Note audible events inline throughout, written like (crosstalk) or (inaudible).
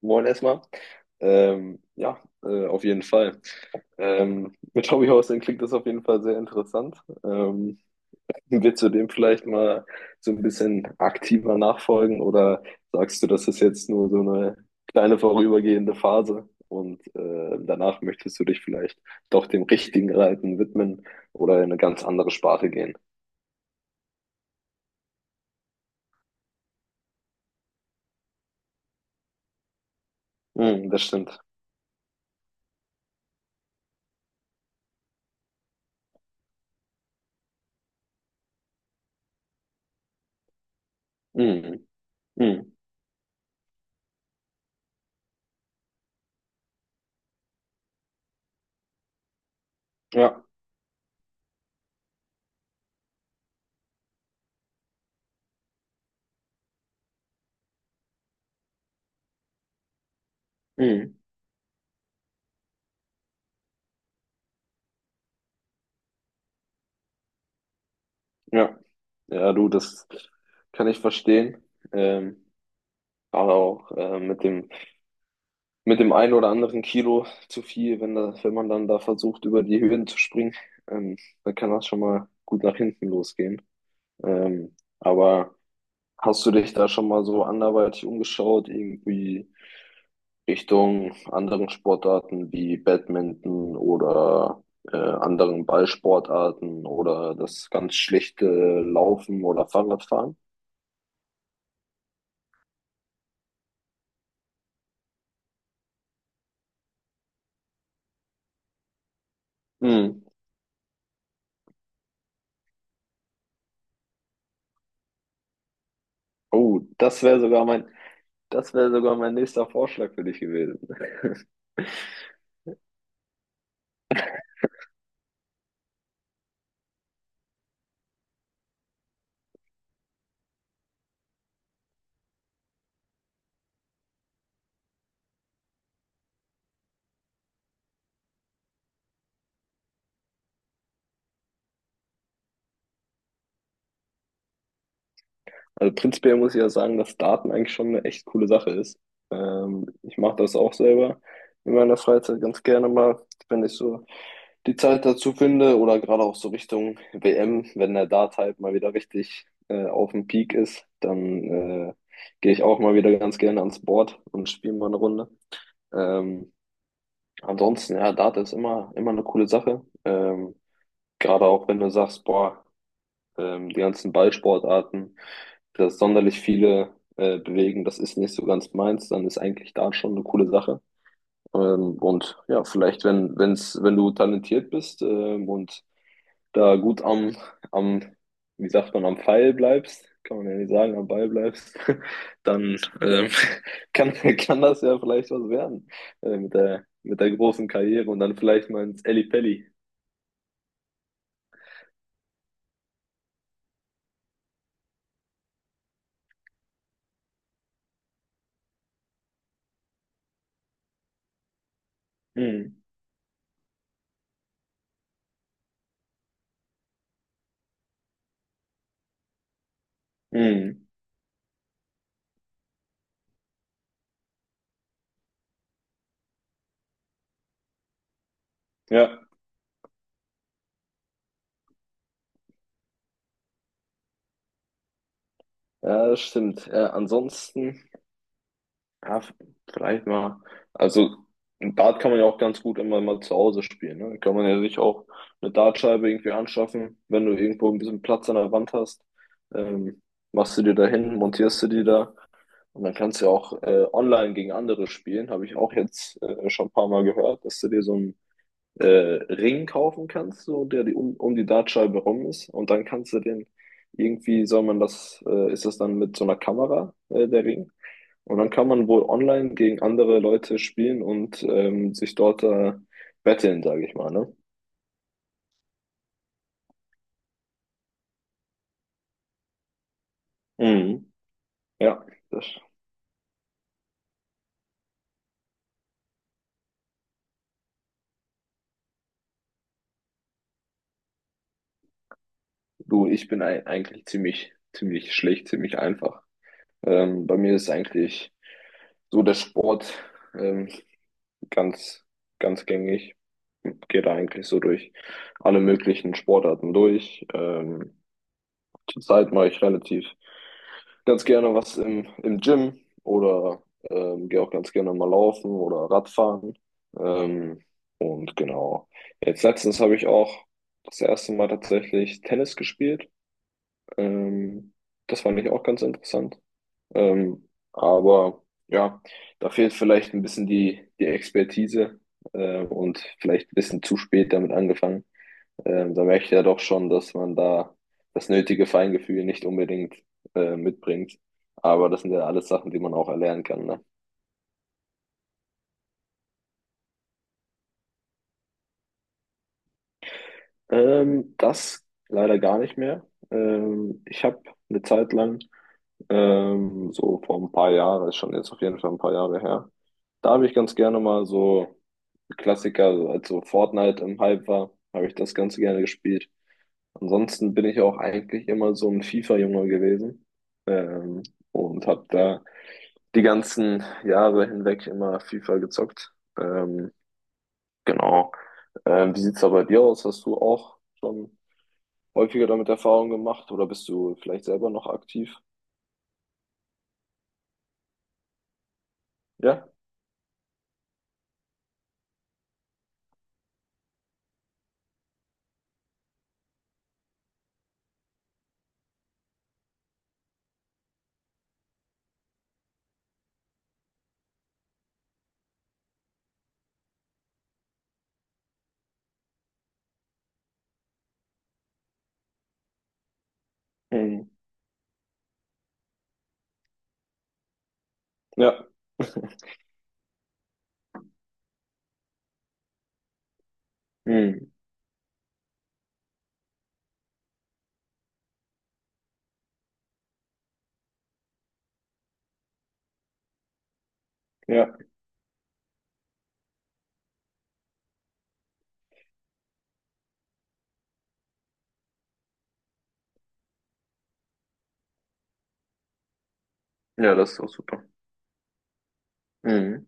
Moin erstmal. Ja, auf jeden Fall. Mit Hobbyhousing klingt das auf jeden Fall sehr interessant. Ähm, willst du dem vielleicht mal so ein bisschen aktiver nachfolgen oder sagst du, das ist jetzt nur so eine kleine vorübergehende Phase und danach möchtest du dich vielleicht doch dem richtigen Reiten widmen oder in eine ganz andere Sparte gehen? Mm, das stimmt. Mm, mm, ja. Mm. Ja, ja, du, das kann ich verstehen. Ähm, gerade auch mit dem einen oder anderen Kilo zu viel, wenn man dann da versucht, über die Höhen zu springen, ähm, dann kann das schon mal gut nach hinten losgehen. Aber hast du dich da schon mal so anderweitig umgeschaut, irgendwie Richtung anderen Sportarten wie Badminton oder anderen Ballsportarten oder das ganz schlichte Laufen oder Fahrradfahren? Hm. Oh, das wäre sogar mein nächster Vorschlag für dich gewesen. (laughs) Also prinzipiell muss ich ja sagen, dass Daten eigentlich schon eine echt coole Sache ist. Ich mache das auch selber in meiner Freizeit ganz gerne mal, wenn ich so die Zeit dazu finde oder gerade auch so Richtung WM, wenn der Dart halt mal wieder richtig auf dem Peak ist, dann gehe ich auch mal wieder ganz gerne ans Board und spiele mal eine Runde. Ähm, ansonsten, ja, Dart ist immer, immer eine coole Sache. Gerade auch wenn du sagst, boah, die ganzen Ballsportarten, dass sonderlich viele bewegen, das ist nicht so ganz meins, dann ist eigentlich da schon eine coole Sache. Und ja, vielleicht, wenn du talentiert bist und da gut am, wie sagt man, am Pfeil bleibst, kann man ja nicht sagen, am Ball bleibst, (laughs) dann (laughs) kann das ja vielleicht was werden mit der großen Karriere und dann vielleicht mal ins Ellipelli. Mhm. Mhm. Ja. Ja, das stimmt. Ansonsten, ja, vielleicht mal. Also, Dart kann man ja auch ganz gut immer mal zu Hause spielen. Ne? Kann man ja sich auch eine Dartscheibe irgendwie anschaffen, wenn du irgendwo ein bisschen Platz an der Wand hast. Ähm, machst du dir da hin, montierst du die da. Und dann kannst du ja auch online gegen andere spielen. Habe ich auch jetzt schon ein paar Mal gehört, dass du dir so ein äh, Ring kaufen kannst, so der die um die Dartscheibe rum ist. Und dann kannst du den irgendwie, soll man das, ist das dann mit so einer Kamera, der Ring. Und dann kann man wohl online gegen andere Leute spielen und sich dort betteln, sage ich mal, ne? Mhm. Ja, das, du, ich bin eigentlich ziemlich schlecht, ziemlich einfach. Bei mir ist eigentlich so der Sport. Ähm, ganz, ganz gängig. Gehe da eigentlich so durch alle möglichen Sportarten durch. Zurzeit mache ich relativ ganz gerne was im Gym oder gehe auch ganz gerne mal laufen oder Radfahren. Ähm, und genau. Jetzt letztens habe ich auch das erste Mal tatsächlich Tennis gespielt. Ähm, das fand ich auch ganz interessant. Aber ja, da fehlt vielleicht ein bisschen die Expertise und vielleicht ein bisschen zu spät damit angefangen. Da merke ich ja doch schon, dass man da das nötige Feingefühl nicht unbedingt mitbringt. Aber das sind ja alles Sachen, die man auch erlernen kann. Ne? Das leider gar nicht mehr. Ich habe eine Zeit lang, so vor ein paar Jahren, ist schon jetzt auf jeden Fall ein paar Jahre her, da habe ich ganz gerne mal so Klassiker, also als so Fortnite im Hype war, habe ich das Ganze gerne gespielt. Ansonsten bin ich auch eigentlich immer so ein FIFA-Junge gewesen ähm, und habe da die ganzen Jahre hinweg immer FIFA gezockt. Genau. Wie sieht's da bei dir aus? Hast du auch schon häufiger damit Erfahrung gemacht oder bist du vielleicht selber noch aktiv? Ja. Hm. Ja. Hm. Ja. Ja, das ist doch super. Mhm.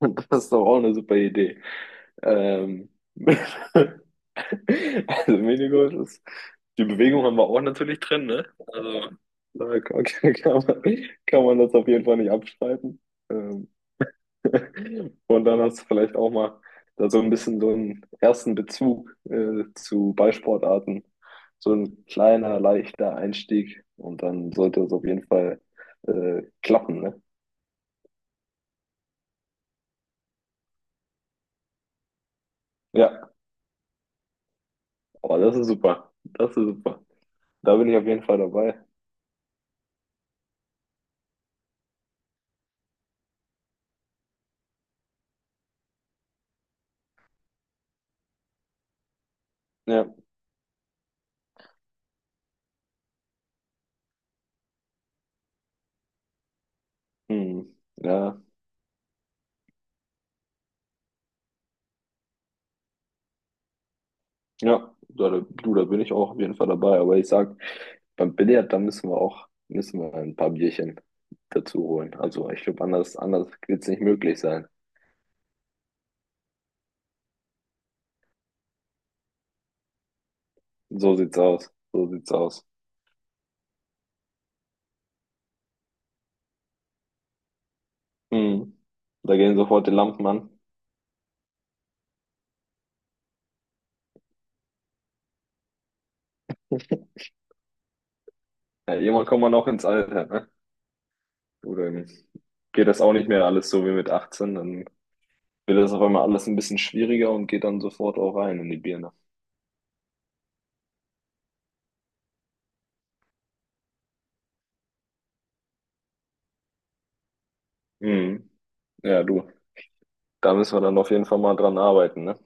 (laughs) Das ist doch auch eine super Idee. Ähm, (laughs) Also Minigolf ist, die Bewegung haben wir auch natürlich drin, ne? Also da kann man das auf jeden Fall nicht abstreiten. Ähm, (laughs) und dann hast du vielleicht auch mal da so ein bisschen so einen ersten Bezug zu Ballsportarten. So ein kleiner, leichter Einstieg und dann sollte es auf jeden Fall klappen, ne? Ja, aber das ist super. Das ist super. Da bin ich auf jeden Fall dabei. Ja. Hm. Ja, ja, da, du, da bin ich auch auf jeden Fall dabei. Aber ich sag, beim Billard, da müssen wir ein paar Bierchen dazu holen. Also ich glaube, anders wird es nicht möglich sein. So sieht's aus. So sieht's aus. Mhm. Da gehen sofort die Lampen an. Ja, irgendwann kommt man auch ins Alter, ne? Oder geht das auch nicht mehr alles so wie mit 18, dann wird das auf einmal alles ein bisschen schwieriger und geht dann sofort auch rein in die Birne. Mhm. Ja, du, da müssen wir dann auf jeden Fall mal dran arbeiten, ne?